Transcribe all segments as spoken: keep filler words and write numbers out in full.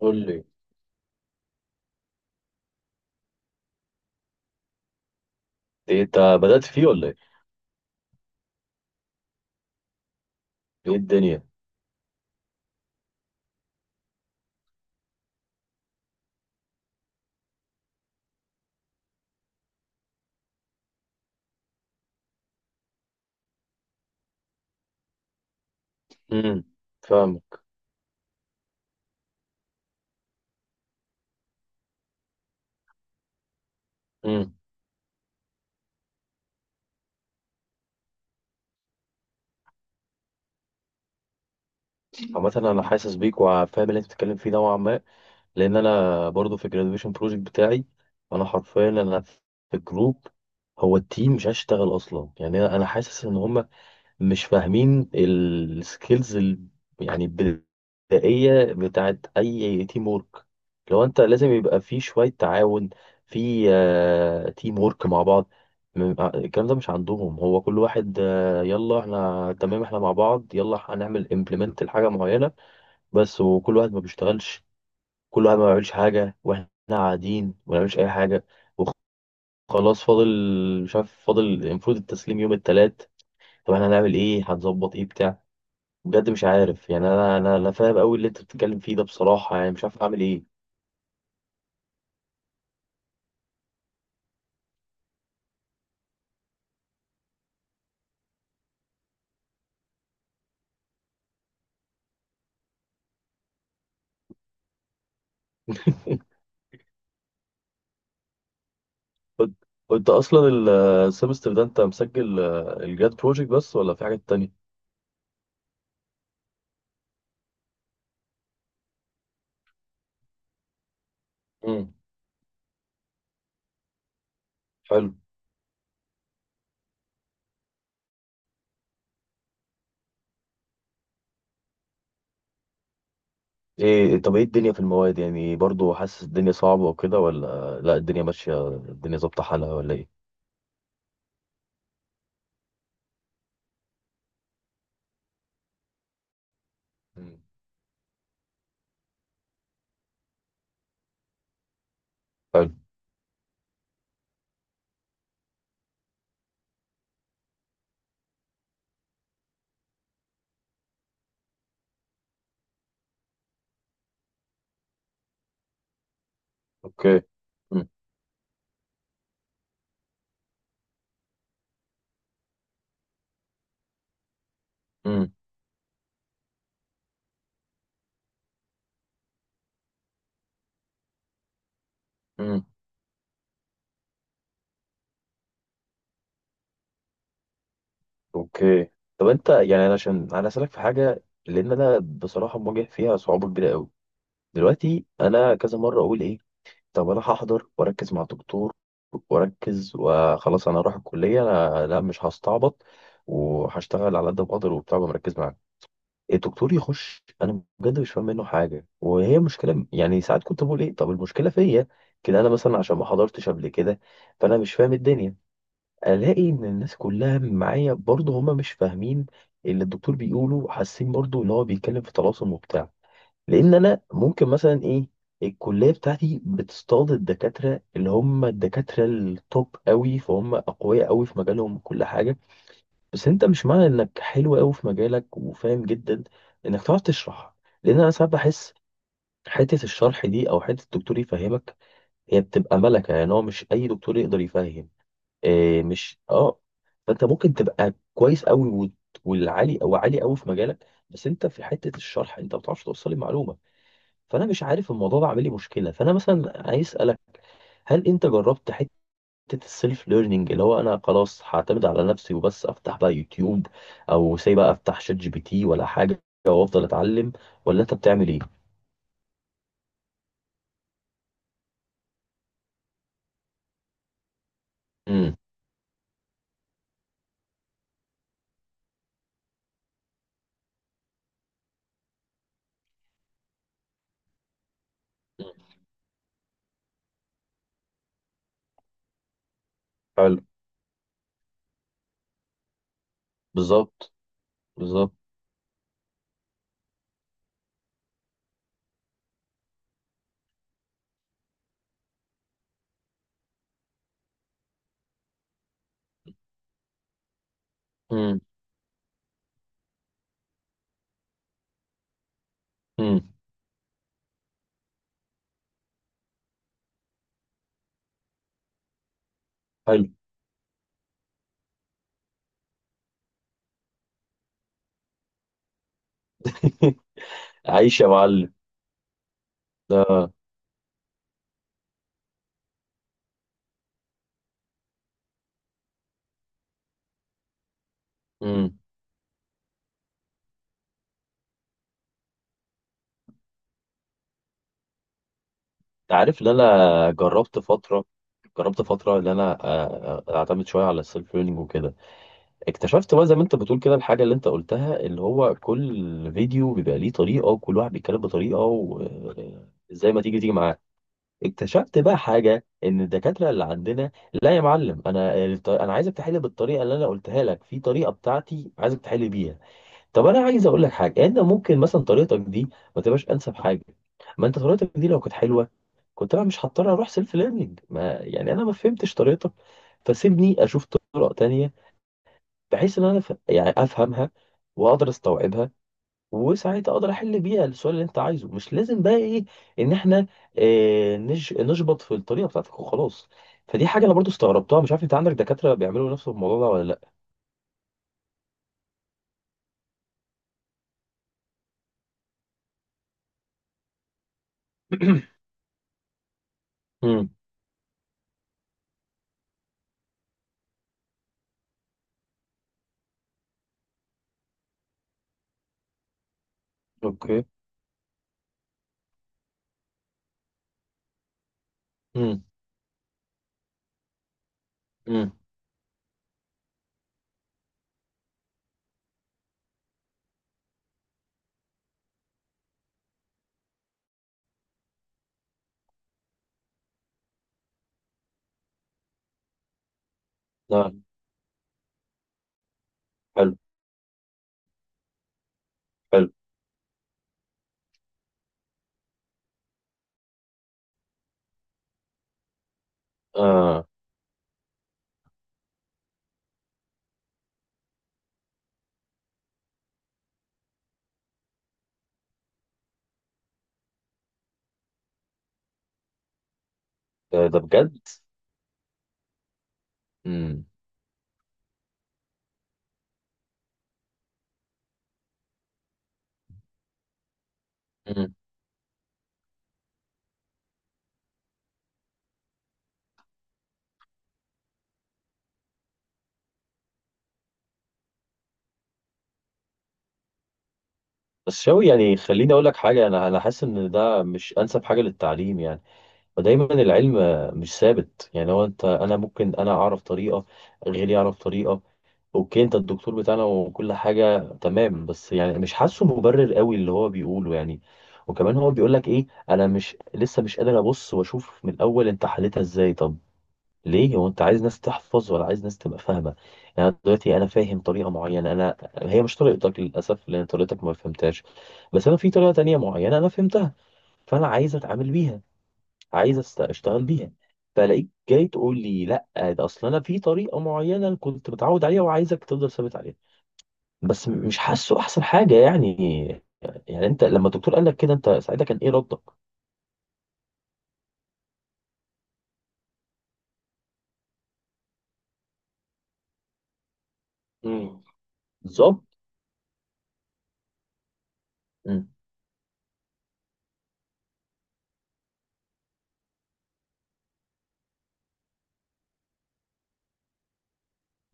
قول لي إيه انت بدأت فيه ولا ايه؟ ايه الدنيا؟ امم. فاهمك. امم. عامة انا حاسس بيك وفاهم اللي انت بتتكلم فيه نوعا ما، لان انا برضو في الجراديويشن بروجكت بتاعي. انا حرفيا انا في الجروب، هو التيم مش عايز يشتغل اصلا. يعني انا أنا حاسس ان هم مش فاهمين السكيلز، يعني البدائية بتاعت أي تيم وورك. لو أنت لازم يبقى في شوية تعاون، في آه، تيم وورك مع بعض. م- آه، الكلام ده مش عندهم. هو كل واحد آه، يلا احنا تمام، احنا مع بعض يلا هنعمل امبلمنت لحاجة معينة بس، وكل واحد ما بيشتغلش. كل واحد ما بيعملش حاجة واحنا قاعدين ما بنعملش أي حاجة. وخلاص فاضل، مش عارف فاضل، المفروض التسليم يوم التلات. طب احنا هنعمل ايه؟ هنظبط ايه بتاع؟ بجد مش عارف. يعني انا انا انا فاهم قوي اللي انت بتتكلم فيه ده، بصراحه يعني مش عارف اعمل ايه. قلت قلت اصلا ال- السمستر ده انت مسجل آه، الجاد بروجكت بس، ولا في حاجات تانية؟ امم. حلو. ايه طب ايه الدنيا في المواد؟ يعني برضو حاسس الدنيا صعبه وكده، ولا لا الدنيا ماشيه الدنيا ظابطه حالها ولا ايه؟ مم. حلو. اوكي. مم. مم. مم. اوكي. طب انت يعني، انا عشان انا اسالك في حاجه، لان انا بصراحه مواجه فيها صعوبه كبيره قوي. دلوقتي انا كذا مره اقول ايه، طب انا هحضر واركز مع الدكتور واركز وخلاص. انا هروح الكليه، لا، لا مش هستعبط، وهشتغل على قد ما اقدر وبتاع ومركز معاه. الدكتور يخش انا بجد مش فاهم منه حاجه، وهي مشكله. يعني ساعات كنت بقول ايه، طب المشكله فيا كده؟ انا مثلا عشان ما حضرتش قبل كده فانا مش فاهم الدنيا. الاقي ان الناس كلها معايا برضه هما مش فاهمين اللي الدكتور بيقوله، حاسين برضه ان هو بيتكلم في طلاسم وبتاع. لان انا ممكن مثلا ايه، الكليه بتاعتي بتصطاد الدكاتره اللي هم الدكاتره التوب قوي، فهم اقوياء قوي في مجالهم كل حاجه. بس انت مش معنى انك حلو قوي في مجالك وفاهم جدا انك تعرف تشرح. لان انا ساعات بحس حته الشرح دي او حته الدكتور يفهمك، هي بتبقى ملكه. يعني هو مش اي دكتور يقدر يفهم. إيه مش اه. فانت ممكن تبقى كويس قوي والعالي او عالي قوي في مجالك، بس انت في حته الشرح انت ما بتعرفش توصل المعلومه. فانا مش عارف، الموضوع ده عامل لي مشكله. فانا مثلا عايز اسالك، هل انت جربت حته السيلف ليرنينج، اللي هو انا خلاص هعتمد على نفسي وبس افتح بقى يوتيوب، او سي بقى افتح شات جي بي تي ولا حاجه وافضل اتعلم، ولا انت بتعمل ايه؟ امم. حلو. بالظبط. بالظبط. امم. امم. حلو. عايش يا معلم. ده. امم. انت عارف ان انا جربت فتره، جربت فتره ان انا آه، آه، اعتمد شويه على السيلف ليرنينج وكده. اكتشفت بقى زي ما انت بتقول كده الحاجة اللي انت قلتها، اللي هو كل فيديو بيبقى ليه طريقة وكل واحد بيتكلم بطريقة، وزي ما تيجي تيجي معاه. اكتشفت بقى حاجة ان الدكاترة اللي عندنا، لا يا معلم انا الط- انا عايزك تحل بالطريقة اللي انا قلتها لك، في طريقة بتاعتي عايزك تحل بيها. طب انا عايز اقول لك حاجة، انت ممكن مثلا طريقتك دي ما تبقاش انسب حاجة. ما انت طريقتك دي لو كانت حلوة كنت انا مش هضطر اروح سيلف ليرنينج. ما يعني انا ما فهمتش طريقتك، فسيبني اشوف طرق تانية بحيث ان انا ف... يعني افهمها واقدر استوعبها، وساعتها اقدر احل بيها السؤال اللي انت عايزه. مش لازم بقى ايه ان احنا آه، نش... نشبط في الطريقه بتاعتك وخلاص. فدي حاجه انا برضو استغربتها. مش عارف انت عندك دكاتره بيعملوا نفس الموضوع ده ولا لا؟ امم. اوكي. امم. امم. لا. حلو. حلو. اه. ده ده بجد. امم. امم. بس شوي، يعني خليني اقول لك حاجه، انا انا حاسس ان ده مش انسب حاجه للتعليم يعني. فدايما العلم مش ثابت. يعني هو انت انا ممكن انا اعرف طريقه، غيري يعرف طريقه. اوكي انت الدكتور بتاعنا وكل حاجه تمام، بس يعني مش حاسه مبرر قوي اللي هو بيقوله يعني. وكمان هو بيقول لك ايه، انا مش لسه مش قادر ابص واشوف من الاول انت حلتها ازاي؟ طب ليه؟ هو انت عايز ناس تحفظ ولا عايز ناس تبقى فاهمه؟ يعني أنا دلوقتي انا فاهم طريقه معينه، انا هي مش طريقتك للاسف لان طريقتك ما فهمتهاش. بس انا في طريقه تانية معينه انا فهمتها، فانا عايز اتعامل بيها، عايز أست- اشتغل بيها. فلاقيك جاي تقول لي لا، ده اصل انا في طريقه معينه كنت متعود عليها وعايزك تفضل ثابت عليها. بس م- مش حاسه احسن حاجه يعني. يعني انت لما الدكتور قال لك كده، انت ساعتها كان ايه ردك؟ امم. بالظبط. مم.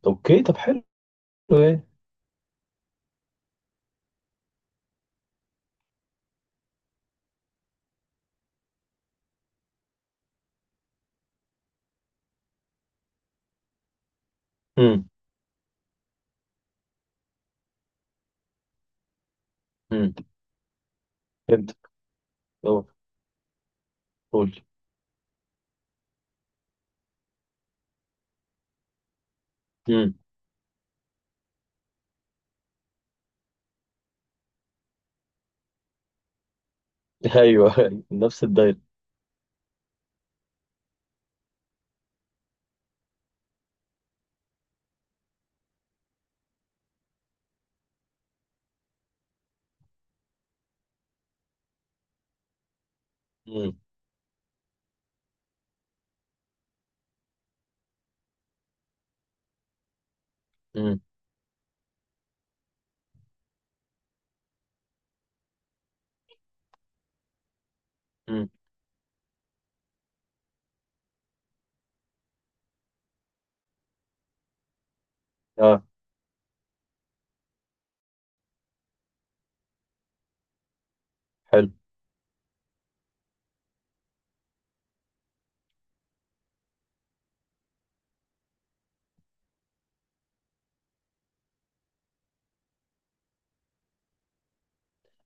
اوكي طب حلو. يعني. امم. امم. فهمت. اه. قول لي. امم. ايوه. نفس الدايره. امم. امم. امم. اه. حلو.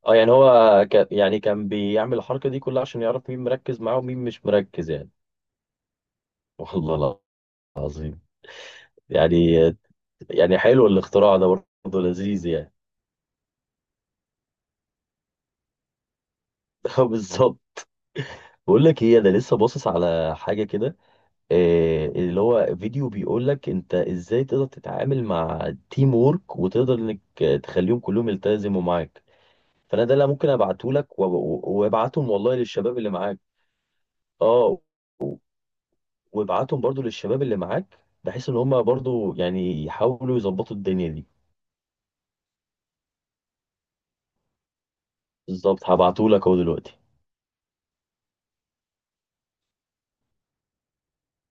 اه يعني هو كان، يعني كان بيعمل الحركه دي كلها عشان يعرف مين مركز معاه ومين مش مركز يعني؟ والله. عظيم. يعني. يعني حلو الاختراع ده برضه لذيذ يعني. بالظبط. بقول لك ايه، انا لسه باصص على حاجه كده آه، اللي هو فيديو بيقول لك انت ازاي تقدر تتعامل مع تيم وورك، وتقدر انك تخليهم كلهم يلتزموا معاك. فانا ده اللي ممكن ابعته لك وب- وابعتهم والله للشباب اللي معاك. اه، وابعتهم برضو للشباب اللي معاك بحيث ان هم برضو يعني يحاولوا يظبطوا الدنيا دي. بالظبط، هبعته لك اهو دلوقتي.